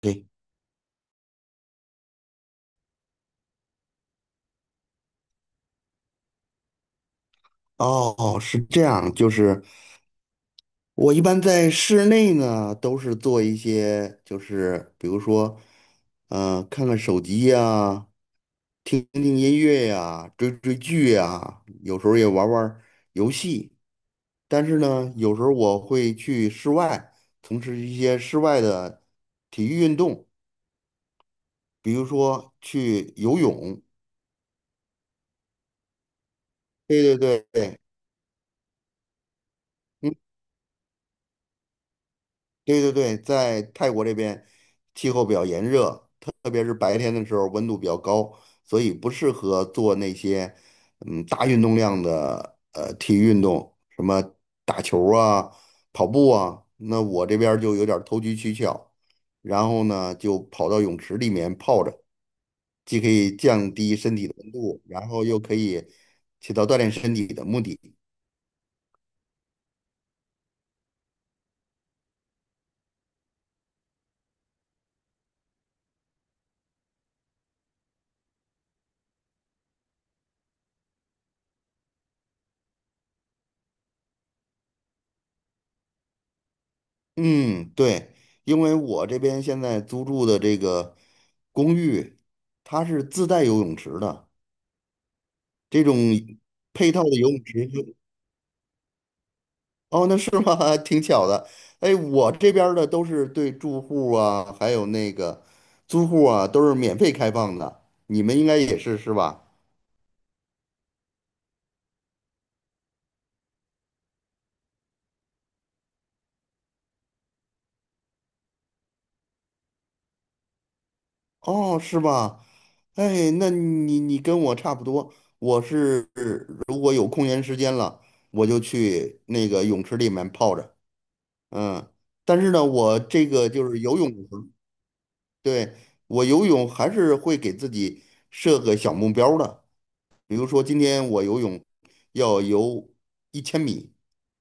对。哦，是这样，就是我一般在室内呢，都是做一些，就是比如说，看看手机呀，听听音乐呀，追追剧呀，有时候也玩玩游戏。但是呢，有时候我会去室外从事一些室外的体育运动，比如说去游泳。对对对。嗯，对对对，在泰国这边气候比较炎热，特别是白天的时候温度比较高，所以不适合做那些大运动量的体育运动，什么打球啊、跑步啊。那我这边儿就有点儿投机取巧，然后呢就跑到泳池里面泡着，既可以降低身体的温度，然后又可以起到锻炼身体的目的。嗯，对，因为我这边现在租住的这个公寓，它是自带游泳池的，这种配套的游泳池就，哦，那是吗？挺巧的。哎，我这边儿的都是对住户啊，还有那个租户啊，都是免费开放的。你们应该也是是吧？哦，是吧？哎，那你跟我差不多，我是如果有空闲时间了，我就去那个泳池里面泡着。嗯，但是呢，我这个就是游泳。对，我游泳还是会给自己设个小目标儿的，比如说今天我游泳要游1000米，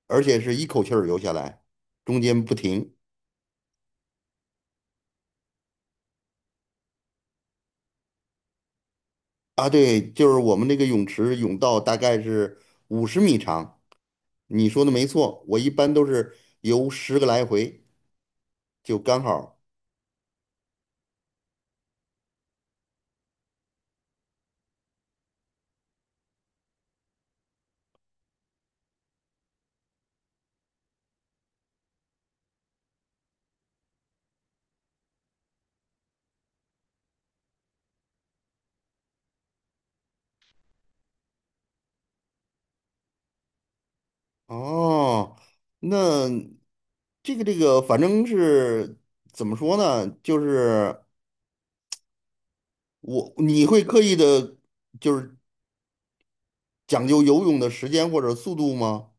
而且是一口气儿游下来，中间不停。啊，对，就是我们那个泳池泳道大概是50米长，你说的没错，我一般都是游10个来回就刚好。哦，那这个这个，反正是怎么说呢？就是你会刻意的，就是讲究游泳的时间或者速度吗？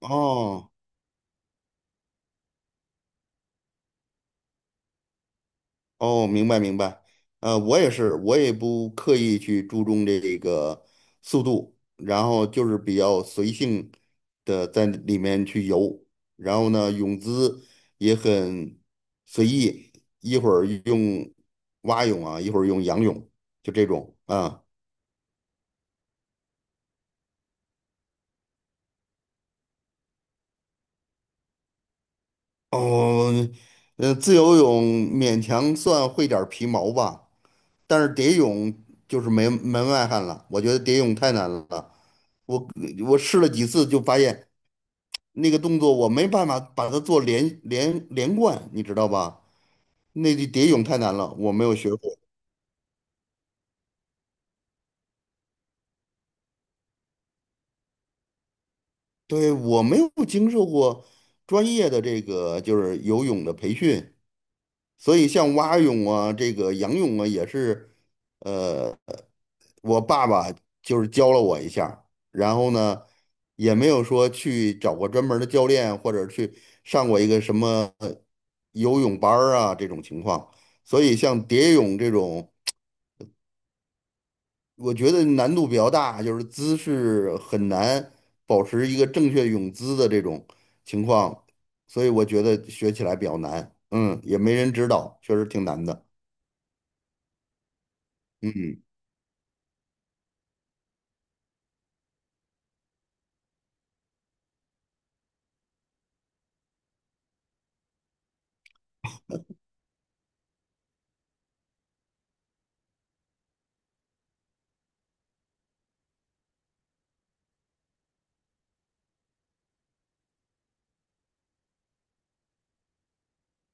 哦哦，明白明白，我也是，我也不刻意去注重这个速度，然后就是比较随性的在里面去游，然后呢，泳姿也很随意，一会儿用蛙泳啊，一会儿用仰泳，就这种啊。哦，自由泳勉强算会点儿皮毛吧，但是蝶泳就是门外汉了，我觉得蝶泳太难了。我我试了几次就发现那个动作我没办法把它做连贯，你知道吧？那个蝶泳太难了，我没有学过。对，我没有经受过专业的这个就是游泳的培训，所以像蛙泳啊，这个仰泳啊，也是，呃，我爸爸就是教了我一下儿，然后呢，也没有说去找过专门儿的教练，或者去上过一个什么游泳班儿啊这种情况。所以像蝶泳这种，我觉得难度比较大，就是姿势很难保持一个正确泳姿的这种情况，所以我觉得学起来比较难。嗯，也没人指导，确实挺难的。嗯。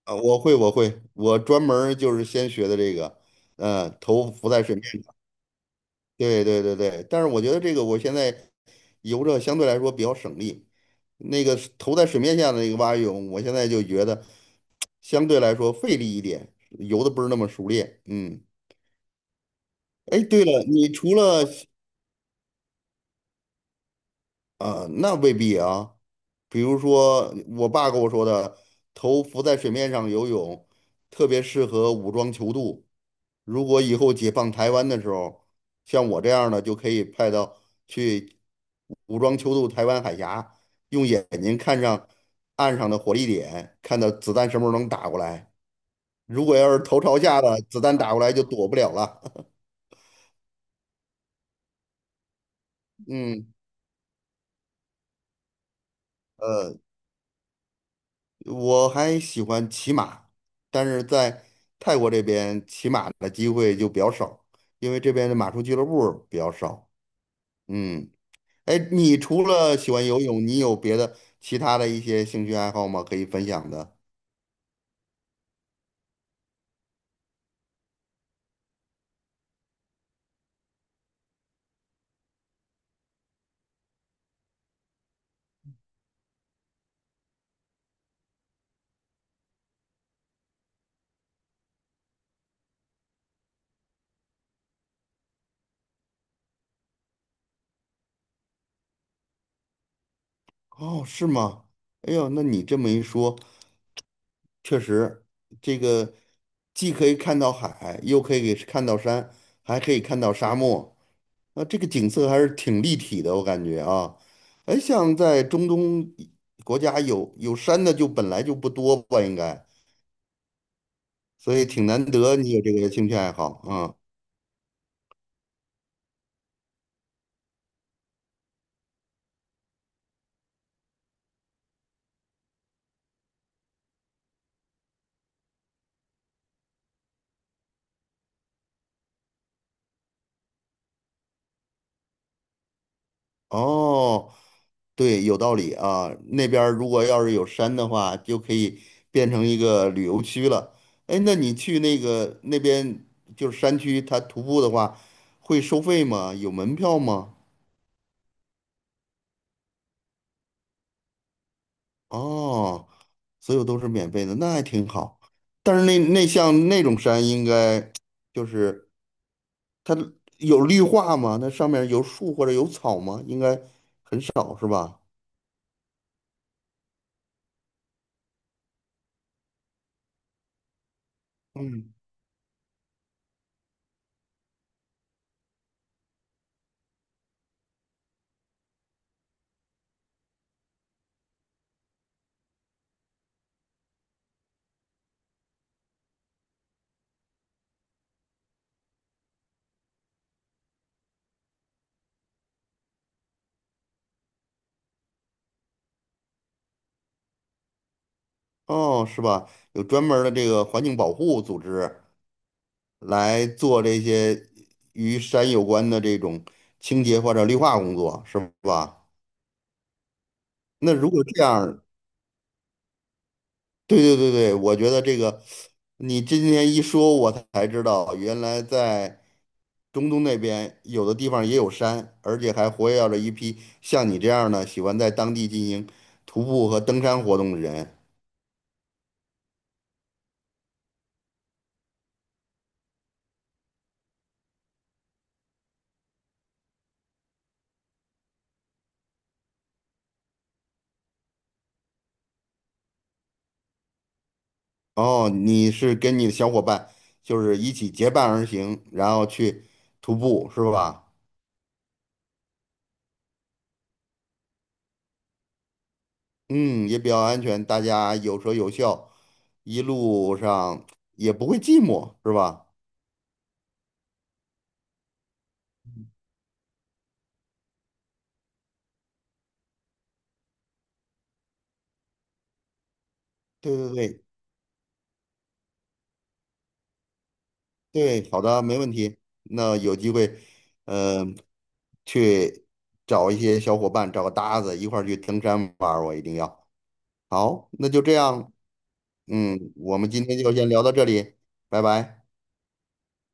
啊，我会，我会，我专门儿就是先学的这个，嗯，头浮在水面上。对对对对，但是我觉得这个我现在游着相对来说比较省力，那个是头在水面下的那个蛙泳，我现在就觉得相对来说费力一点，游的不是那么熟练。嗯，哎，对了，你除了啊、那未必啊，比如说我爸跟我说的，头浮在水面上游泳特别适合武装泅渡。如果以后解放台湾的时候，像我这样的就可以派到去武装泅渡台湾海峡，用眼睛看上岸上的火力点，看到子弹什么时候能打过来。如果要是头朝下的，子弹打过来就躲不了了。嗯，呃，我还喜欢骑马，但是在泰国这边骑马的机会就比较少，因为这边的马术俱乐部比较少。嗯。哎，你除了喜欢游泳，你有别的其他的一些兴趣爱好吗？可以分享的？哦，是吗？哎呦，那你这么一说，确实，这个既可以看到海，又可以看到山，还可以看到沙漠，那这个景色还是挺立体的，我感觉啊。哎，像在中东国家有山的就本来就不多吧，应该，所以挺难得你有这个兴趣爱好啊。哦，对，有道理啊。那边儿如果要是有山的话，就可以变成一个旅游区了。哎，那你去那个那边就是山区，它徒步的话会收费吗？有门票吗？哦，所有都是免费的，那还挺好。但是那像那种山，应该就是它有绿化吗？那上面有树或者有草吗？应该少是吧？嗯。哦，是吧？有专门儿的这个环境保护组织来做这些与山有关的这种清洁或者绿化工作，是吧？那如果这样儿对对对对，我觉得这个你今天一说，我才知道原来在中东那边有的地方也有山，而且还活跃着一批像你这样的喜欢在当地进行徒步和登山活动的人。哦，你是跟你的小伙伴就是一起结伴而行，然后去徒步是吧？嗯，也比较安全，大家有说有笑，一路上也不会寂寞是吧？对对对对，好的，没问题。那有机会，嗯、去找一些小伙伴，找个搭子一块儿去登山玩儿，我一定要。好，那就这样，嗯，我们今天就先聊到这里，拜拜。